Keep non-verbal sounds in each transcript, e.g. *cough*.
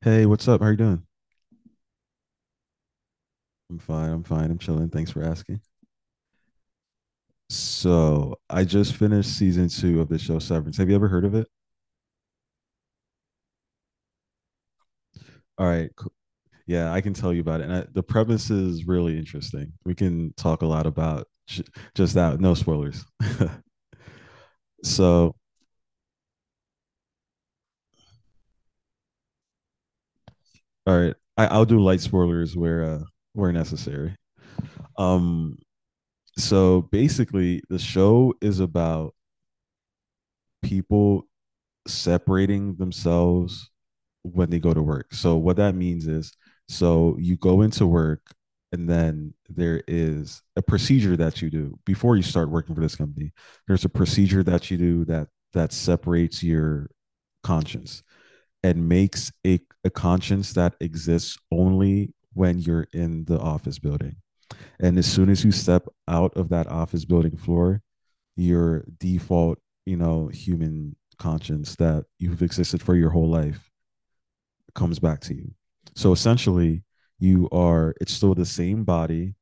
Hey, what's up? How you doing? I'm fine. I'm fine. I'm chilling. Thanks for asking. So, I just finished season two of the show Severance. Have you ever heard of it? All right. Yeah, I can tell you about it. The premise is really interesting. We can talk a lot about just that. No spoilers. So, all right. I'll do light spoilers where necessary. Um. So basically, the show is about people separating themselves when they go to work. So what that means is, so you go into work, and then there is a procedure that you do before you start working for this company. There's a procedure that you do that separates your conscience and makes a conscience that exists only when you're in the office building. And as soon as you step out of that office building floor, your default, human conscience that you've existed for your whole life comes back to you. So essentially, you are it's still the same body,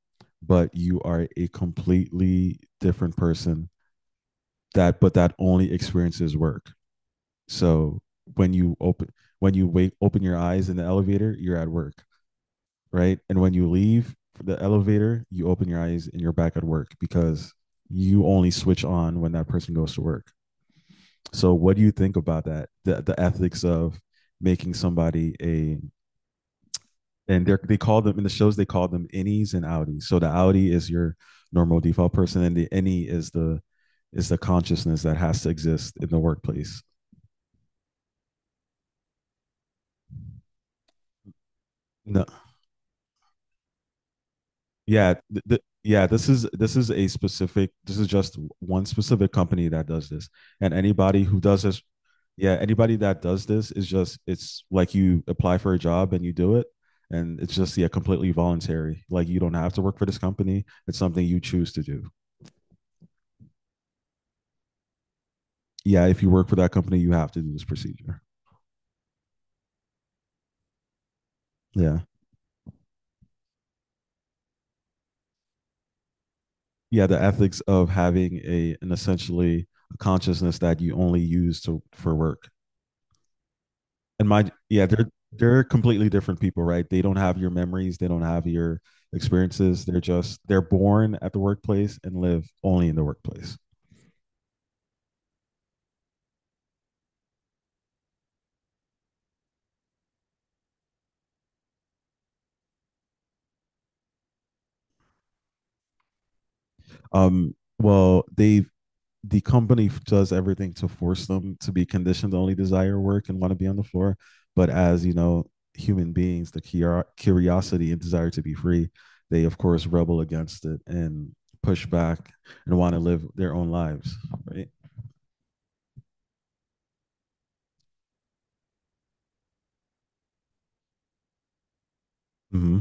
but you are a completely different person that but that only experiences work. So when you open when you wake open your eyes in the elevator, you're at work, right? And when you leave the elevator, you open your eyes and you're back at work because you only switch on when that person goes to work. So what do you think about that? The ethics of making somebody a and they call them in the shows they call them innies and outies. So the outie is your normal default person, and the innie is the consciousness that has to exist in the workplace. No. Yeah, yeah, this is a specific this is just w- one specific company that does this. And anybody who does this, yeah, anybody that does this is just, it's like you apply for a job and you do it, and it's just, yeah, completely voluntary. Like, you don't have to work for this company. It's something you choose to do. Yeah, if you work for that company, you have to do this procedure. Yeah. Yeah, the ethics of having a an essentially a consciousness that you only use to for work. And my, yeah, they're completely different people, right? They don't have your memories, they don't have your experiences. They're just they're born at the workplace and live only in the workplace. Well, they, the company does everything to force them to be conditioned to only desire work and want to be on the floor. But as you know, human beings, the curiosity and desire to be free, they of course rebel against it and push back and want to live their own lives, right? Mm-hmm.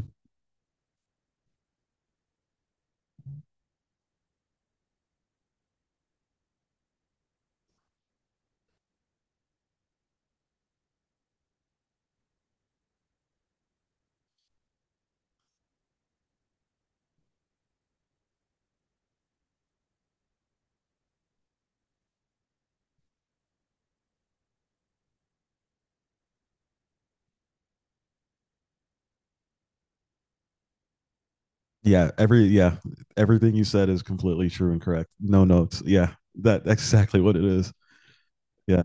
Yeah, every yeah, everything you said is completely true and correct. No notes. Yeah, that exactly what it is. Yeah.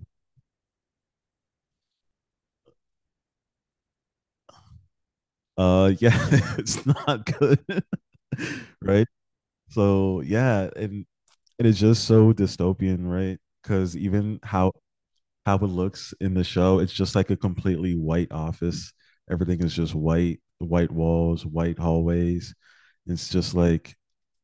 Yeah, *laughs* it's not good. *laughs* Right? So, yeah, and it's just so dystopian, right? Cuz even how it looks in the show, it's just like a completely white office. Everything is just white, white walls, white hallways. It's just like,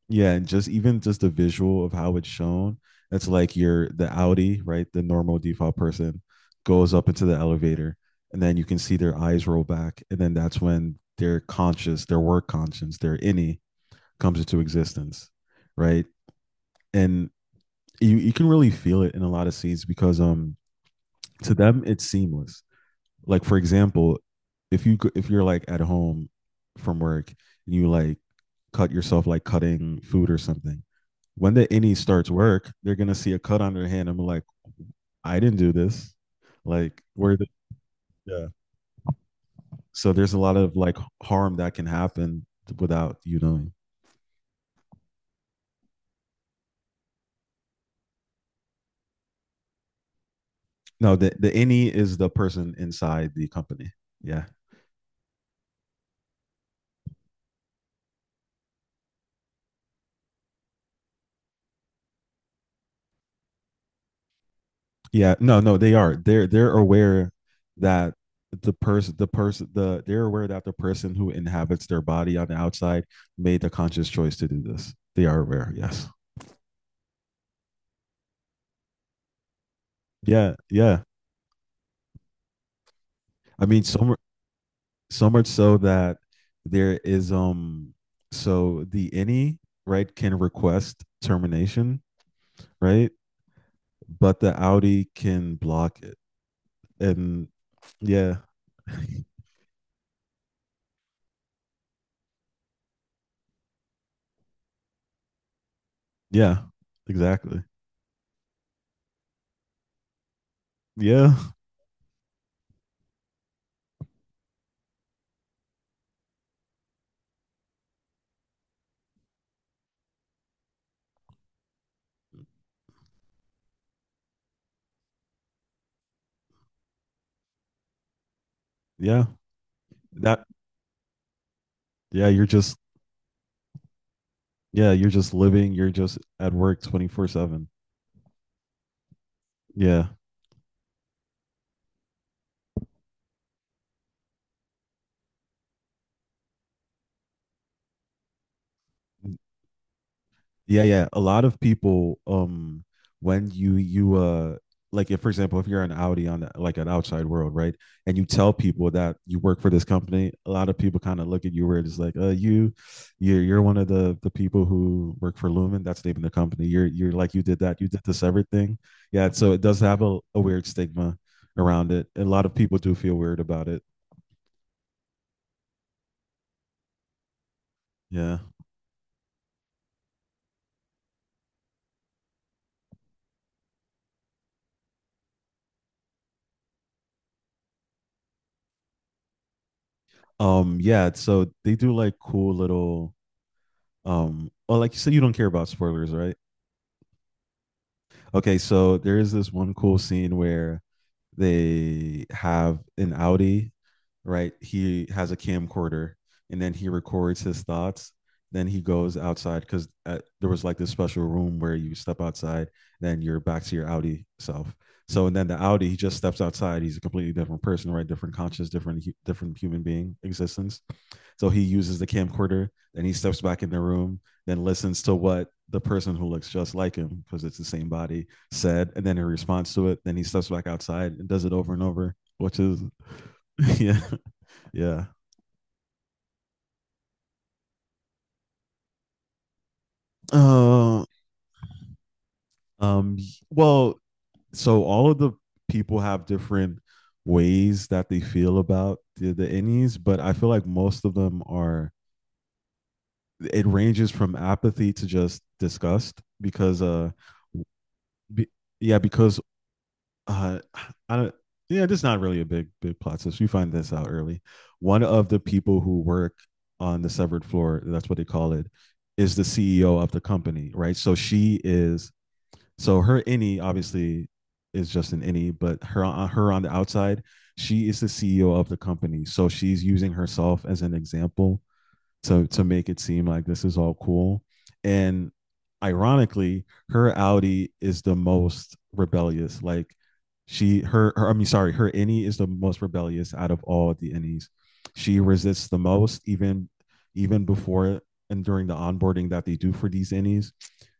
yeah, and just the visual of how it's shown, it's like you're the audi, right, the normal default person, goes up into the elevator, and then you can see their eyes roll back, and then that's when their work conscience, their innie comes into existence, right? And you can really feel it in a lot of scenes because to them it's seamless, like for example, if you if you're like at home from work, and you like cut yourself, like cutting food or something. When the innie starts work, they're gonna see a cut on their hand and be like, I didn't do this. Like, where the yeah. So there's a lot of like harm that can happen without you knowing. No, the innie is the person inside the company. Yeah. Yeah. No, no, they are. They're aware that the person the person the they're aware that the person who inhabits their body on the outside made the conscious choice to do this. They are aware, yes. Yeah, yeah. I mean, some so much so that there is so the any, right, can request termination, right, but the audi can block it, and yeah, yeah, exactly, yeah, yeah, that yeah you're just living, you're just at work 24/7. Yeah. Yeah, yeah. A lot of people, when you like, if for example, if you're an Audi on like an outside world, right? And you tell people that you work for this company, a lot of people kind of look at you where it's like, you're one of the people who work for Lumen. That's the name of the company. You're like, you did that, you did this everything. Yeah, so it does have a weird stigma around it. A lot of people do feel weird about it. Yeah. Yeah, so they do like cool little, oh, like you said, you don't care about spoilers, right? Okay, so there is this one cool scene where they have an Audi, right? He has a camcorder, and then he records his thoughts. Then he goes outside because there was like this special room where you step outside, then you're back to your Audi self. So and then the Audi, he just steps outside. He's a completely different person, right? Different conscious, different human being existence. So he uses the camcorder, then he steps back in the room, then listens to what the person who looks just like him, because it's the same body, said, and then in response to it, then he steps back outside and does it over and over, which is *laughs* yeah, yeah. Uh, um, well, so all of the people have different ways that they feel about the innies, but I feel like most of them are it ranges from apathy to just disgust, be, yeah because uh I don't yeah, this is not really a big plot twist. You find this out early. One of the people who work on the severed floor, that's what they call it, is the CEO of the company, right? So she is so her innie obviously is just an innie, but her on the outside, she is the CEO of the company. So she's using herself as an example to make it seem like this is all cool. And ironically, her Audi is the most rebellious. Like, she her, I mean, sorry, her innie is the most rebellious out of all the innies. She resists the most, even before and during the onboarding that they do for these innies.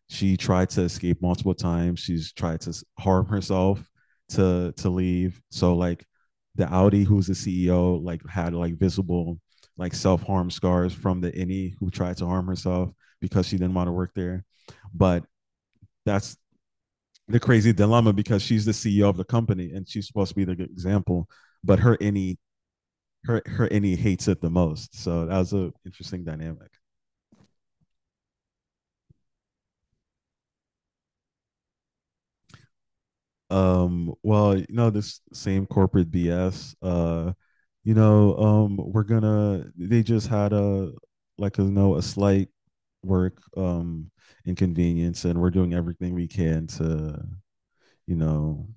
She tried to escape multiple times. She's tried to harm herself to leave. So like the Audi, who's the CEO, like had like visible like self harm scars from the any who tried to harm herself because she didn't want to work there. But that's the crazy dilemma because she's the CEO of the company and she's supposed to be the good example, but her any hates it the most. So that was a interesting dynamic. Well, this same corporate bs, we're gonna they just had a, like, a slight work inconvenience, and we're doing everything we can to, you know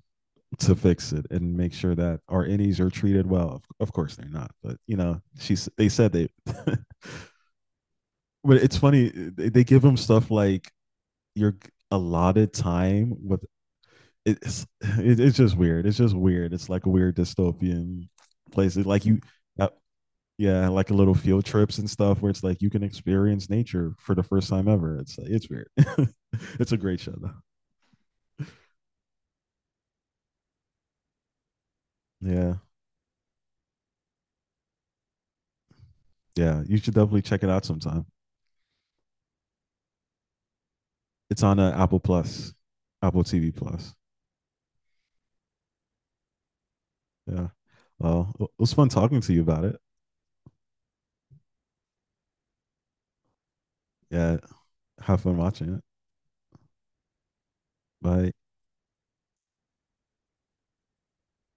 fix it and make sure that our innies are treated well. Of course they're not, but, she's they said they, *laughs* but it's funny, they give them stuff like, you're allotted time with, it's just weird. It's just weird. It's like a weird dystopian place. It's like you, uh, yeah, like a little field trips and stuff where it's like you can experience nature for the first time ever. It's weird. *laughs* It's a great show though. Yeah, yeah. You should definitely check it out sometime. It's on Apple Plus, Apple TV Plus. Yeah. Well, it was fun talking to you about it. Yeah. Have fun watching it. Bye.